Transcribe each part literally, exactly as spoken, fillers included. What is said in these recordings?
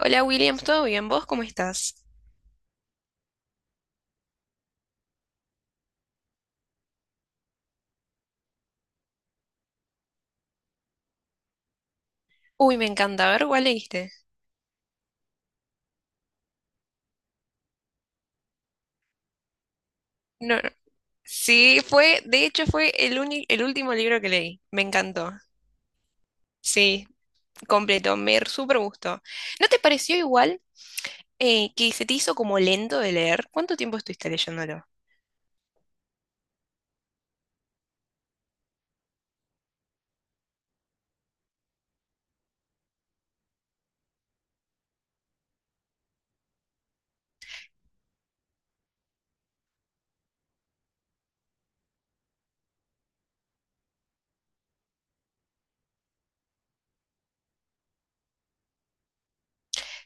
Hola William, ¿todo bien? ¿Vos cómo estás? Uy, me encanta. A ver, ¿cuál leíste? No, no. Sí, fue, de hecho fue el uni- el último libro que leí. Me encantó. Sí, completo. Me súper gustó. ¿No te pareció igual eh, que se te hizo como lento de leer? ¿Cuánto tiempo estuviste leyéndolo?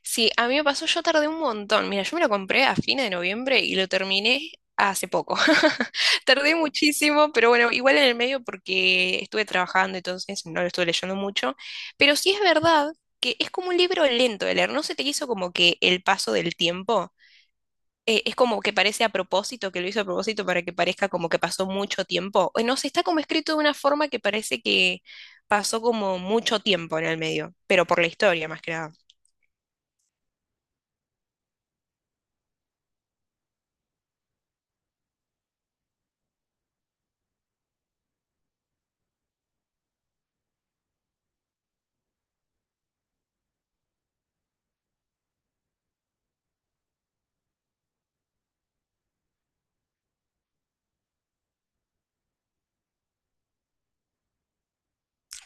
Sí, a mí me pasó, yo tardé un montón. Mira, yo me lo compré a fines de noviembre y lo terminé hace poco. Tardé muchísimo, pero bueno, igual en el medio porque estuve trabajando, entonces no lo estuve leyendo mucho. Pero sí es verdad que es como un libro lento de leer. ¿No se te hizo como que el paso del tiempo? Eh, es como que parece a propósito, que lo hizo a propósito para que parezca como que pasó mucho tiempo. Eh, No sé, está como escrito de una forma que parece que pasó como mucho tiempo en el medio, pero por la historia más que nada.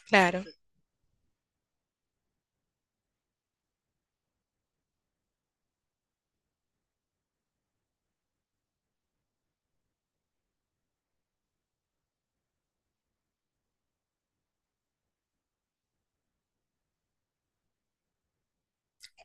Claro,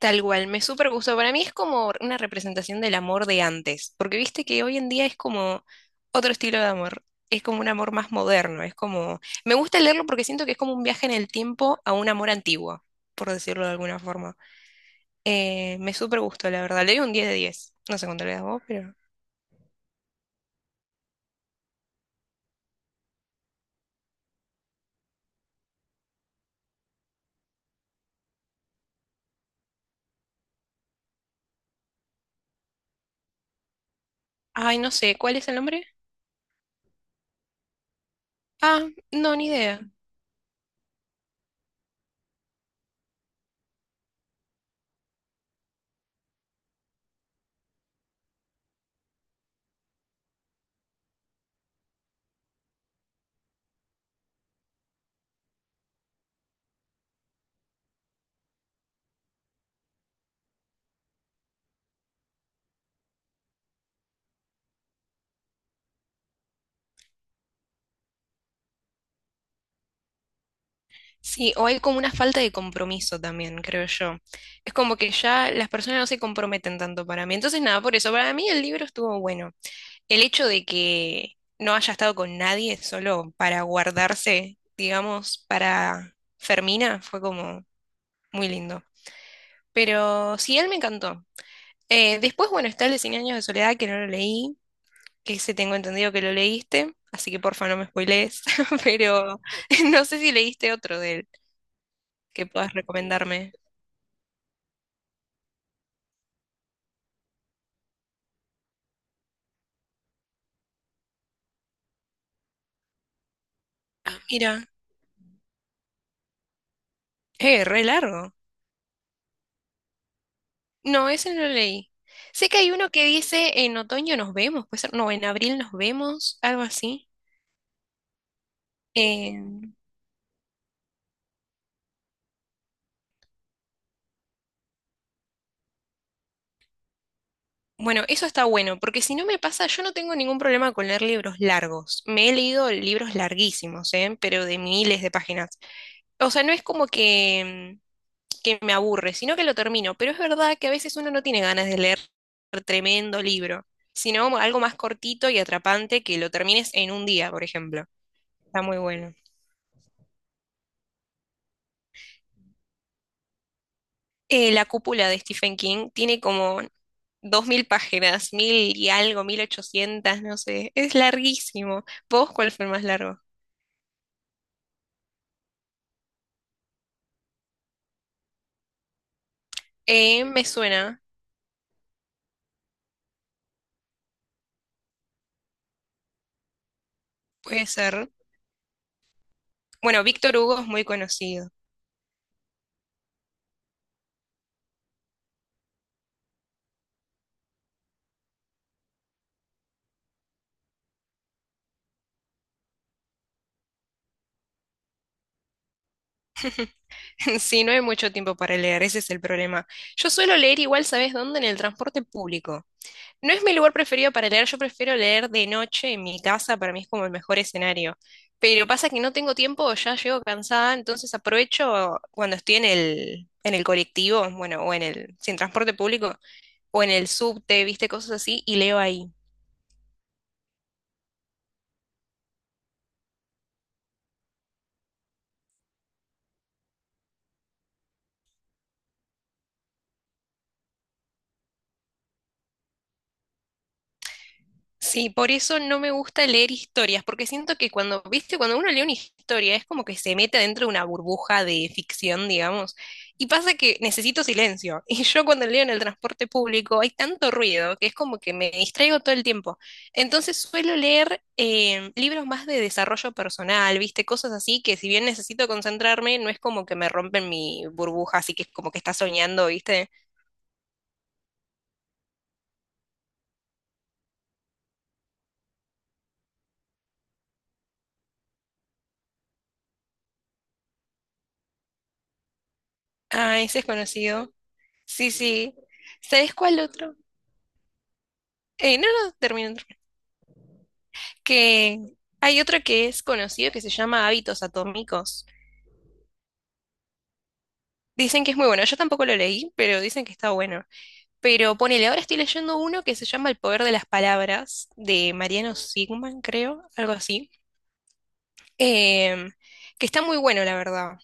tal cual. Me súper gustó. Para mí es como una representación del amor de antes, porque viste que hoy en día es como otro estilo de amor. Es como un amor más moderno. Es como. Me gusta leerlo porque siento que es como un viaje en el tiempo a un amor antiguo, por decirlo de alguna forma. Eh, me súper gustó, la verdad. Le doy un diez de diez. No sé cuánto le das vos, pero. Ay, no sé. ¿Cuál es el nombre? Ah, no, ni idea. Sí, o hay como una falta de compromiso también, creo yo. Es como que ya las personas no se comprometen tanto para mí. Entonces, nada, por eso, para mí el libro estuvo bueno. El hecho de que no haya estado con nadie solo para guardarse, digamos, para Fermina, fue como muy lindo. Pero sí, él me encantó. Eh, después, bueno, está el de Cien años de soledad, que no lo leí, que ese tengo entendido que lo leíste, así que porfa no me spoilees, pero no sé si leíste otro de él. Que puedas recomendarme. Ah, mira, eh, re largo. No, ese no lo leí. Sé que hay uno que dice en otoño nos vemos, puede ser, no, en abril nos vemos, algo así. Eh, bueno, eso está bueno, porque si no me pasa, yo no tengo ningún problema con leer libros largos. Me he leído libros larguísimos, ¿eh? Pero de miles de páginas. O sea, no es como que que me aburre, sino que lo termino. Pero es verdad que a veces uno no tiene ganas de leer tremendo libro, sino algo más cortito y atrapante que lo termines en un día, por ejemplo. Está muy bueno. Eh, La cúpula de Stephen King tiene como dos mil páginas, mil y algo, mil ochocientas, no sé. Es larguísimo. ¿Vos cuál fue el más largo? Eh, me suena, puede ser. Bueno, Víctor Hugo es muy conocido. Sí, no hay mucho tiempo para leer, ese es el problema. Yo suelo leer igual, ¿sabes dónde? En el transporte público. No es mi lugar preferido para leer, yo prefiero leer de noche en mi casa, para mí es como el mejor escenario. Pero pasa que no tengo tiempo, ya llego cansada, entonces aprovecho cuando estoy en el, en el colectivo, bueno, o en el, sin transporte público, o en el subte, viste, cosas así, y leo ahí. Sí, por eso no me gusta leer historias, porque siento que cuando, viste, cuando uno lee una historia es como que se mete dentro de una burbuja de ficción, digamos, y pasa que necesito silencio. Y yo cuando leo en el transporte público hay tanto ruido que es como que me distraigo todo el tiempo. Entonces suelo leer eh, libros más de desarrollo personal, viste, cosas así que si bien necesito concentrarme, no es como que me rompen mi burbuja, así que es como que está soñando, viste. Ah, ese es conocido. Sí, sí. ¿Sabes cuál otro? Eh, no, no, termino, termino. Que hay otro que es conocido que se llama Hábitos Atómicos. Dicen que es muy bueno. Yo tampoco lo leí, pero dicen que está bueno. Pero ponele, ahora estoy leyendo uno que se llama El poder de las palabras, de Mariano Sigman, creo, algo así. Em, que está muy bueno, la verdad.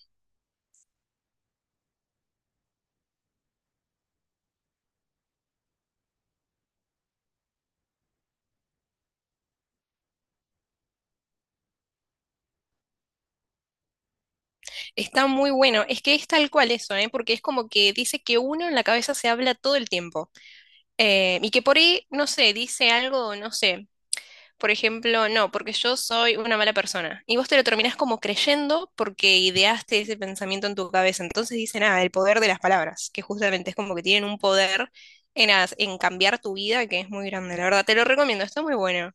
Está muy bueno. Es que es tal cual eso, ¿eh? Porque es como que dice que uno en la cabeza se habla todo el tiempo. Em, y que por ahí, no sé, dice algo, no sé. Por ejemplo, no, porque yo soy una mala persona. Y vos te lo terminás como creyendo porque ideaste ese pensamiento en tu cabeza. Entonces dicen, ah, el poder de las palabras, que justamente es como que tienen un poder en, as- en cambiar tu vida que es muy grande. La verdad, te lo recomiendo, está muy bueno.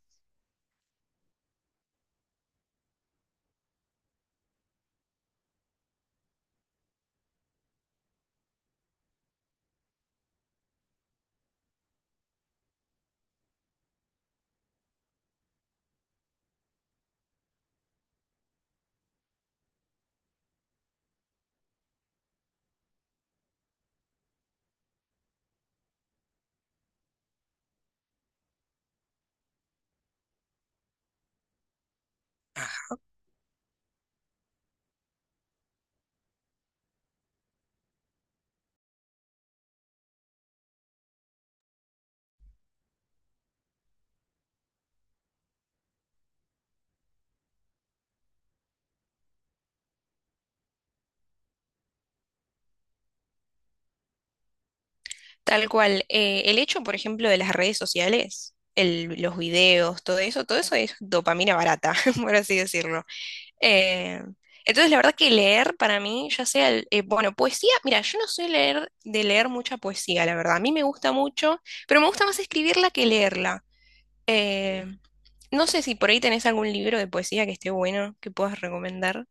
Tal cual, eh, el hecho, por ejemplo, de las redes sociales, el- los videos, todo eso, todo eso es dopamina barata, por así decirlo. Eh, entonces, la verdad que leer para mí, ya sea, el- eh, bueno, poesía, mira, yo no soy leer, de leer mucha poesía, la verdad. A mí me gusta mucho, pero me gusta más escribirla que leerla. Eh, no sé si por ahí tenés algún libro de poesía que esté bueno, que puedas recomendar.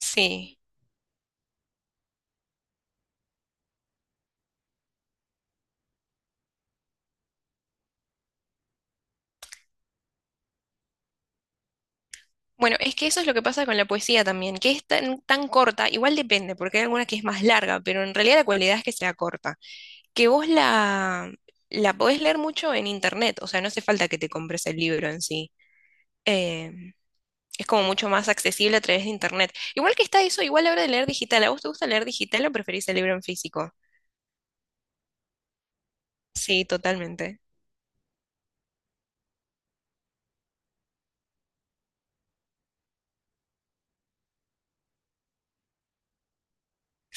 Sí. Bueno, es que eso es lo que pasa con la poesía también, que es tan, tan corta, igual depende, porque hay alguna que es más larga, pero en realidad la cualidad es que sea corta. Que vos la, la podés leer mucho en internet, o sea, no hace falta que te compres el libro en sí. Eh, es como mucho más accesible a través de internet. Igual que está eso, igual a la hora de leer digital. ¿A vos te gusta leer digital o preferís el libro en físico? Sí, totalmente.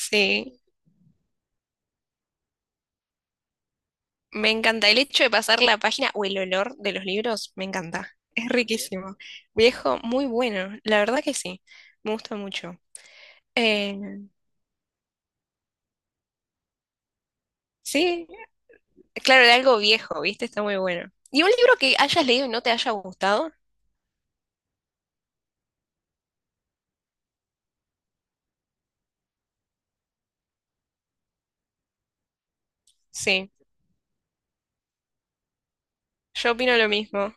Sí, me encanta. El hecho de pasar la página o el olor de los libros, me encanta. Es riquísimo. Viejo, muy bueno. La verdad que sí. Me gusta mucho. Eh, sí, claro, de algo viejo, ¿viste? Está muy bueno. ¿Y un libro que hayas leído y no te haya gustado? Sí, yo opino lo mismo.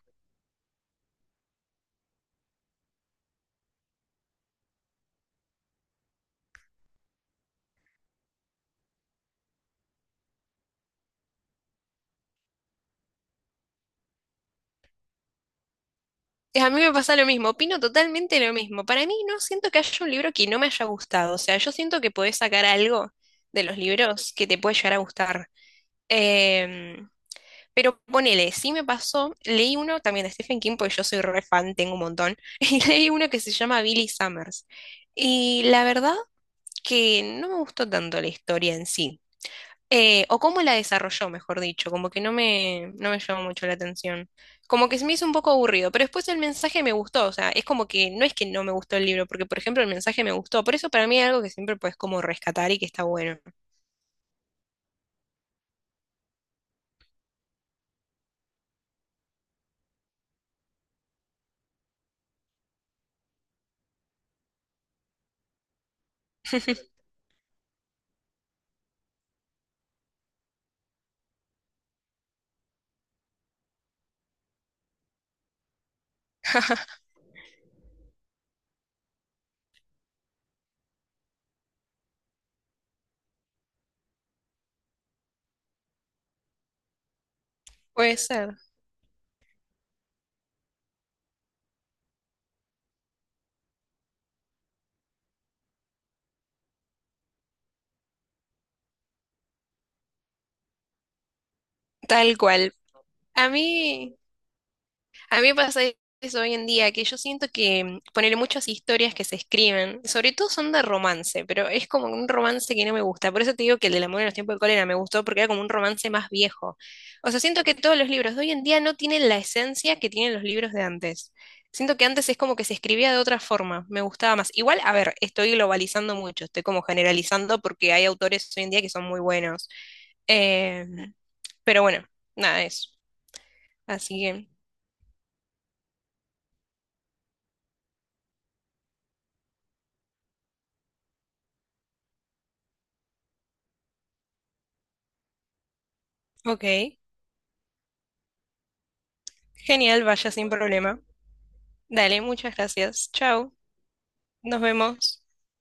Eh, A mí, me pasa lo mismo, opino totalmente lo mismo. Para mí no siento que haya un libro que no me haya gustado. O sea, yo siento que podés sacar algo de los libros que te puede llegar a gustar. Em, pero ponele, sí me pasó, leí uno también de Stephen King, porque yo soy re fan, tengo un montón, y leí uno que se llama Billy Summers. Y la verdad que no me gustó tanto la historia en sí. Eh, o cómo la desarrolló, mejor dicho, como que no me, no me llamó mucho la atención. Como que se me hizo un poco aburrido, pero después el mensaje me gustó, o sea, es como que no es que no me gustó el libro, porque por ejemplo el mensaje me gustó, por eso para mí es algo que siempre puedes como rescatar y que está bueno. Puede ser. Tal cual. A mí, A mí me pasa eso hoy en día, que yo siento que poner muchas historias que se escriben, sobre todo son de romance, pero es como un romance que no me gusta. Por eso te digo que el del amor en los tiempos de cólera me gustó porque era como un romance más viejo. O sea, siento que todos los libros de hoy en día no tienen la esencia que tienen los libros de antes. Siento que antes es como que se escribía de otra forma, me gustaba más. Igual, a ver, estoy globalizando mucho, estoy como generalizando porque hay autores hoy en día que son muy buenos. Eh, pero bueno, nada, eso. Así que, ok. Genial, vaya sin problema. Dale, muchas gracias. Chao, nos vemos.